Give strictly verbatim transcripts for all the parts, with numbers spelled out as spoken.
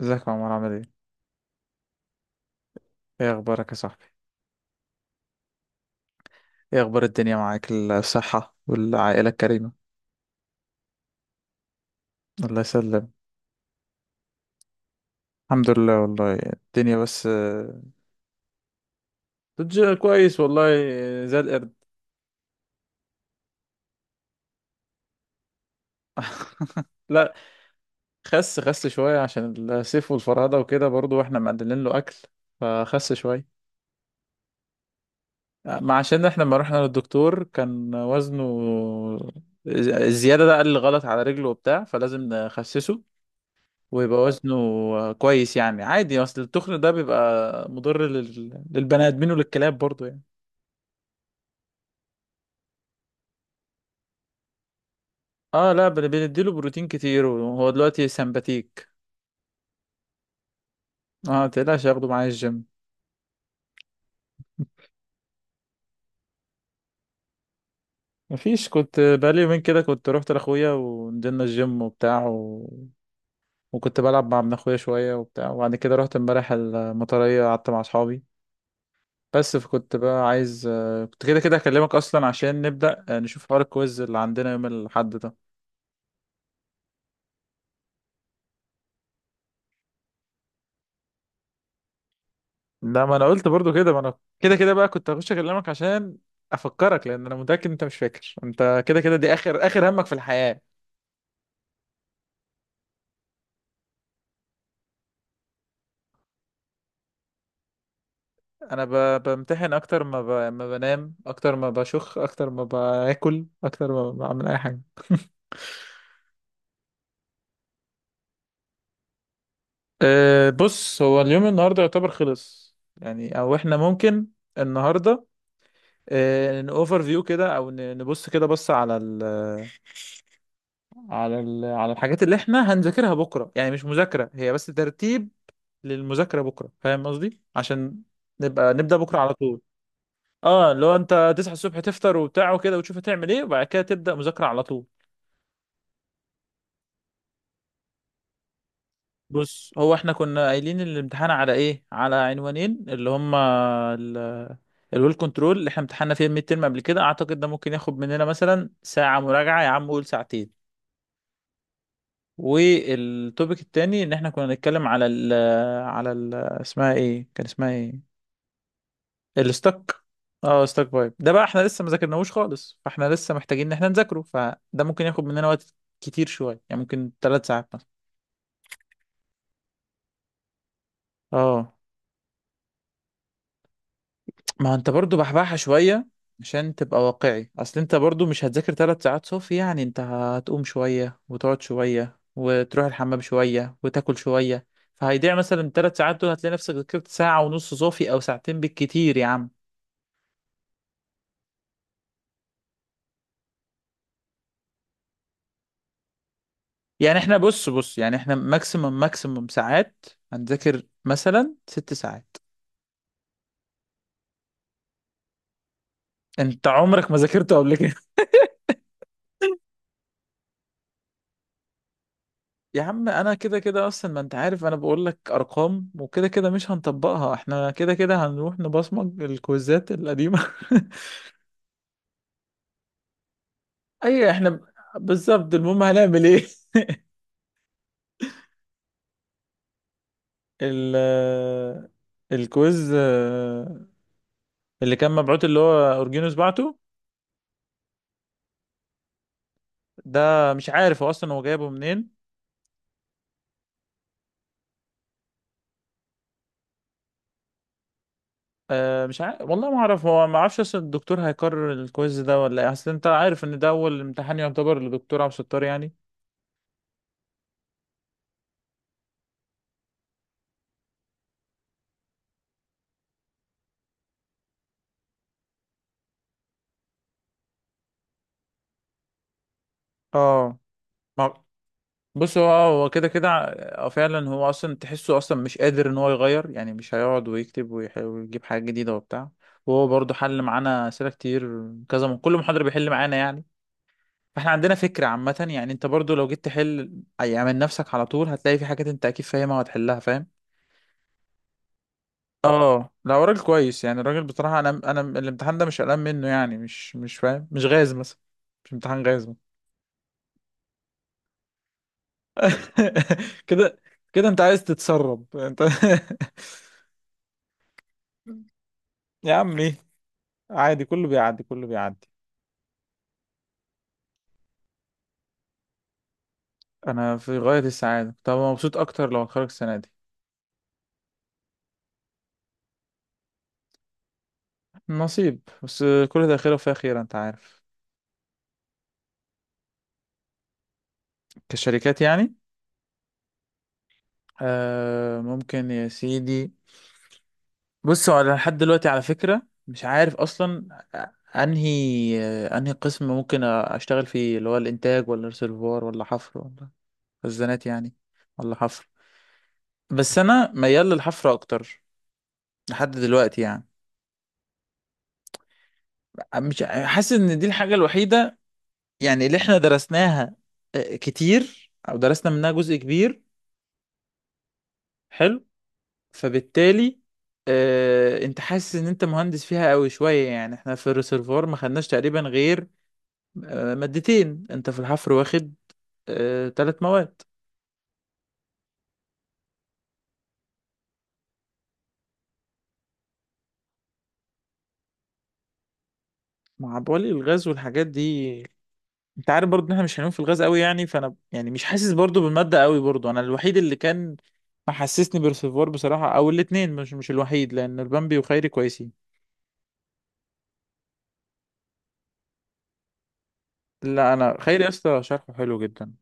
ازيك يا عمر عامل ايه؟ ايه اخبارك يا صاحبي؟ ايه اخبار الدنيا معاك الصحة والعائلة الكريمة؟ الله يسلم. الحمد لله والله. الدنيا بس آه، تج- كويس والله. آه، زي القرد. لا، خس خس شوية عشان السيف والفرهدة وكده برضو، واحنا مقللين له اكل، فخس شوية. آه، ما عشان احنا لما رحنا للدكتور كان وزنه آه، الزيادة ده، قال غلط على رجله وبتاع، فلازم نخسسه ويبقى وزنه كويس يعني، عادي. اصل التخن ده بيبقى مضر لل... للبني ادمين وللكلاب برضو يعني. اه لا، بل- بنديله بروتين كتير وهو دلوقتي سمباتيك. اه متقلقش، اخده معايا الجيم. مفيش، كنت بقالي يومين كده، كنت رحت لاخويا ونزلنا الجيم وبتاع و... وكنت بلعب مع ابن اخويا شويه وبتاع، وبعد كده رحت امبارح المطريه قعدت مع اصحابي. بس فكنت بقى عايز، آه، كنت كده كده هكلمك اصلا عشان نبدأ، آه، نشوف حوار الكويز اللي عندنا يوم الاحد ده. لا، ما انا قلت برضو كده، ما انا كده كده بقى كنت هخش اكلمك عشان افكرك، لان انا متاكد إن انت مش فاكر انت كده كده دي اخر اخر همك في الحياه. انا ب... بمتحن اكتر ما، ب... ما بنام اكتر ما بشخ اكتر ما باكل اكتر ما بعمل اي حاجه. أه بص، هو اليوم النهارده يعتبر خلص يعني، او احنا ممكن النهارده أه نوفر فيو كده، او ن- نبص كده، بص على ال على ال على الحاجات اللي احنا هنذاكرها بكره، يعني مش مذاكره هي، بس ترتيب للمذاكرة بكرة. فاهم قصدي؟ عشان نبقى نبدأ بكرة على طول. اه، لو انت تصحى الصبح تفطر وبتاع وكده وتشوف هتعمل ايه، وبعد كده تبدأ مذاكرة على طول. بص، هو احنا كنا قايلين الامتحان على ايه؟ على عنوانين، اللي هما ال الويل كنترول اللي احنا امتحنا فيه الميد ترم قبل كده، اعتقد ده ممكن ياخد مننا مثلا ساعة مراجعة، يا عم قول ساعتين. والتوبيك التاني ان احنا كنا نتكلم على ال على ال اسمها ايه، كان اسمها ايه، الستوك. اه، ستوك بايب ده بقى احنا لسه ما ذاكرناهوش خالص، فاحنا لسه محتاجين ان احنا نذاكره، فده ممكن ياخد مننا وقت كتير شويه يعني، ممكن ثلاث ساعات مثلا. اه، ما هو انت برضو بحبحها شويه عشان تبقى واقعي، اصل انت برضو مش هتذاكر ثلاث ساعات صافي يعني، انت هتقوم شويه وتقعد شويه وتروح الحمام شويه وتاكل شويه، فهيضيع مثلا ثلاث ساعات دول، هتلاقي نفسك ذاكرت ساعه ونص صافي او ساعتين بالكتير يا عم. يعني احنا بص، بص يعني، احنا ماكسيمم ماكسيمم ساعات هنذاكر مثلا ست ساعات. انت عمرك ما ذاكرته قبل كده. يا عم انا كده كده اصلا، ما انت عارف انا بقول لك ارقام وكده كده مش هنطبقها، احنا كده كده هنروح نبصمج الكويزات القديمه. ايوه، احنا ب- بالظبط، المهم هنعمل ايه؟ ال الكويز آه، اللي كان مبعوت اللي هو اورجينوس بعته ده، مش عارف هو اصلا هو جايبه منين. أه مش عارف والله، ما اعرف، هو ما اعرفش اصل الدكتور هيكرر الكويز ده ولا ايه، اصل انت عارف ان ده اول امتحان يعتبر للدكتور عبد الستار يعني. اه، ما بص، هو آه، هو كده كده ع- فعلا هو اصلا تحسه اصلا مش قادر ان هو يغير يعني، مش هيقعد ويكتب ويح- ويجيب حاجه جديده وبتاع. وهو برضه حل معانا اسئله كتير كذا من كل محاضره بيحل معانا يعني، فاحنا عندنا فكره عامه يعني. انت برضه لو جيت تحل يعني من نفسك على طول هتلاقي في حاجات انت اكيد فاهمها وهتحلها، فاهم؟ اه لا، هو راجل كويس يعني الراجل بصراحة، انا انا الامتحان ده مش قلقان منه يعني، مش مش فاهم، مش غاز مثلا، مش امتحان غاز مثلا. كده، كده انت عايز تتسرب انت. يا عمي عادي، كله بيعدي كله بيعدي. انا في غاية السعادة، كنت هبقى مبسوط اكتر لو اتخرج السنة دي. نصيب بس، كل ده خير وفيه خير انت عارف. كشركات يعني؟ آه ممكن يا سيدي. بصوا انا لحد دلوقتي على فكرة مش عارف اصلا انهي انهي قسم ممكن اشتغل فيه، اللي هو الانتاج ولا ريسيرفوار ولا حفر ولا خزانات يعني، ولا حفر. بس انا ميال للحفر اكتر لحد دلوقتي يعني. مش ع- حاسس ان دي الحاجة الوحيدة يعني اللي احنا درسناها آه، كتير، او درسنا منها جزء كبير. حلو. فبالتالي آه، انت حاسس ان انت مهندس فيها قوي شوية يعني. احنا في الريسيرفوار ما خدناش تقريبا غير آه، مادتين، انت في الحفر واخد آه، تلات مواد مع بولي الغاز والحاجات دي. انت عارف برضو ان احنا مش هنقوم في الغاز قوي يعني، فانا يعني مش حاسس برضو بالمادة قوي برضو. انا الوحيد اللي كان محسسني برسيفوار بصراحة، او الاتنين، مش مش الوحيد، لان البامبي وخيري كويسين. لا، انا خيري يا اسطى شرحه حلو جدا.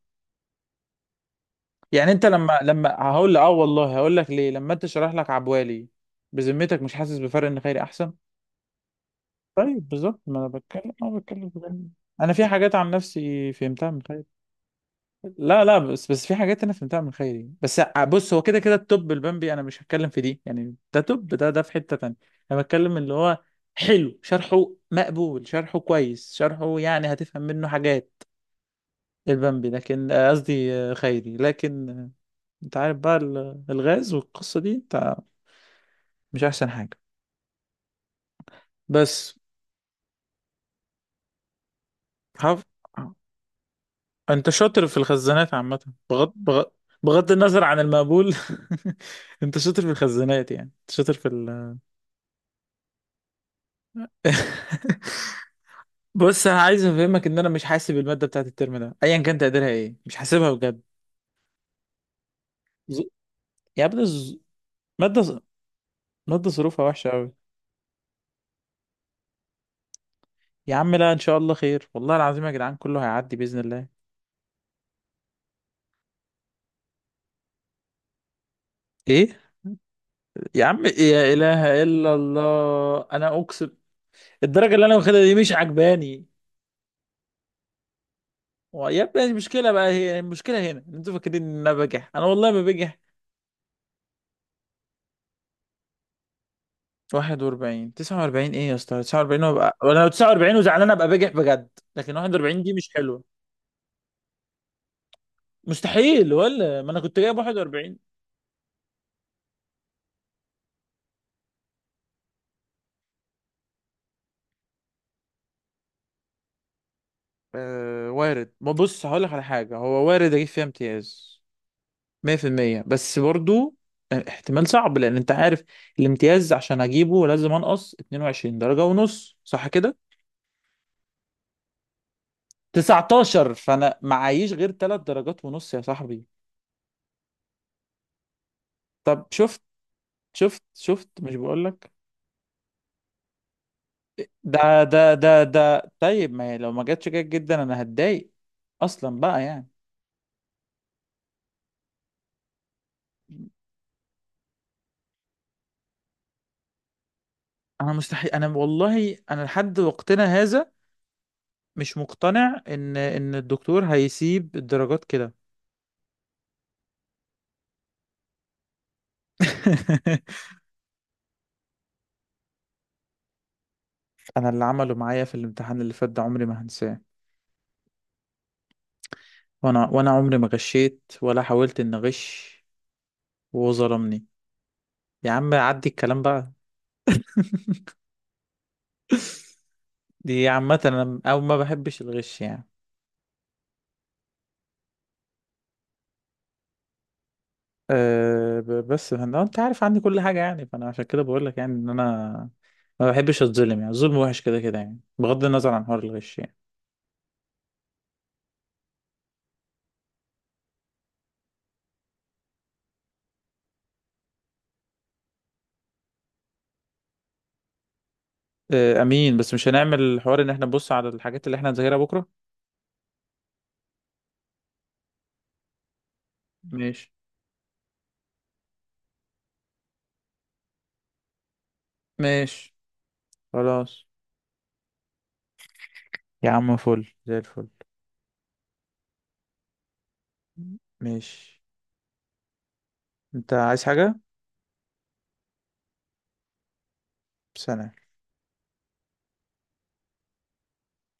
يعني انت لما لما هقول لك اه والله هقول لك ليه لما انت شرح لك عبوالي، بذمتك مش حاسس بفرق ان خيري احسن؟ طيب بالظبط، ما انا بتكلم، انا بتكلم بجد. انا في حاجات عن نفسي فهمتها من خيري. لا لا، بس بس في حاجات انا فهمتها من خيري بس، ع- بص هو كده كده التوب البامبي انا مش هتكلم في دي يعني، ده توب، ده ده في حتة تانية. انا بتكلم اللي هو حلو شرحه، مقبول شرحه، كويس شرحه، يعني هتفهم منه حاجات. البامبي لكن آه، قصدي آه، خيري لكن آه، انت عارف بقى ال- الغاز والقصة دي، انت، مش احسن حاجة. بس حف... انت شاطر في الخزانات عامة. بغض بغض بغض النظر عن المقبول. انت شاطر في الخزانات يعني، انت شاطر في ال... بص انا عايز افهمك ان انا مش حاسب الماده بتاعت الترم ده ايا كان تقديرها ايه، مش حاسبها بجد. ز... يا ابني، ز... ماده ز... ماده ظروفها وحشه قوي. يا عم لا، ان شاء الله خير، والله العظيم يا جدعان كله هيعدي باذن الله. ايه؟ يا عم يا اله الا الله انا اقسم، الدرجه اللي انا واخدها دي مش عجباني. و- يا ابني المشكله بقى، هي المشكله هنا إن انتوا فاكرين ان انا بجح، انا والله ما بجح. واحد واربعين، تسعة واربعين، ايه يا اسطى؟ تسعة واربعين وابقى انا؟ لو تسعة واربعين وزعلان ابقى بجح بجد، لكن واحد واربعين دي مش حلوه. مستحيل، ولا ما انا كنت جايب واحد واربعين. آه وارد، ما بص هقول لك على حاجة، هو وارد أجيب فيها امتياز ميه في الميه، بس برضو احتمال صعب، لأن أنت عارف الامتياز عشان أجيبه لازم أنقص اتنين وعشرين درجة ونص، صح كده؟ تسعتاشر، فأنا معيش غير تلات درجات ونص يا صاحبي. طب شفت؟ شفت؟ شفت؟ مش بقولك؟ ده ده ده ده طيب ما هي لو ما جاتش جيد جدا أنا هتضايق أصلا بقى يعني. أنا مستحيل، أنا والله أنا لحد وقتنا هذا مش مقتنع ان ان الدكتور هيسيب الدرجات كده. انا اللي عمله معايا في الامتحان اللي فات ده عمري ما هنساه، وانا وانا عمري ما غشيت ولا حاولت ان اغش، وهو ظلمني. يا عم عدي الكلام بقى. دي عامة انا، او ما بحبش الغش يعني. أه، ب- بس انا، انت عارف عندي كل حاجة يعني، فانا عشان كده بقول لك يعني ان انا ما بحبش اتظلم يعني، الظلم وحش كده كده يعني، بغض النظر عن حوار الغش يعني. أه امين، بس مش هنعمل حوار ان احنا نبص على الحاجات اللي احنا هنذاكرها بكرة؟ ماشي. ماشي، خلاص. يا عم فل زي الفل. ماشي. انت عايز حاجة؟ سلام.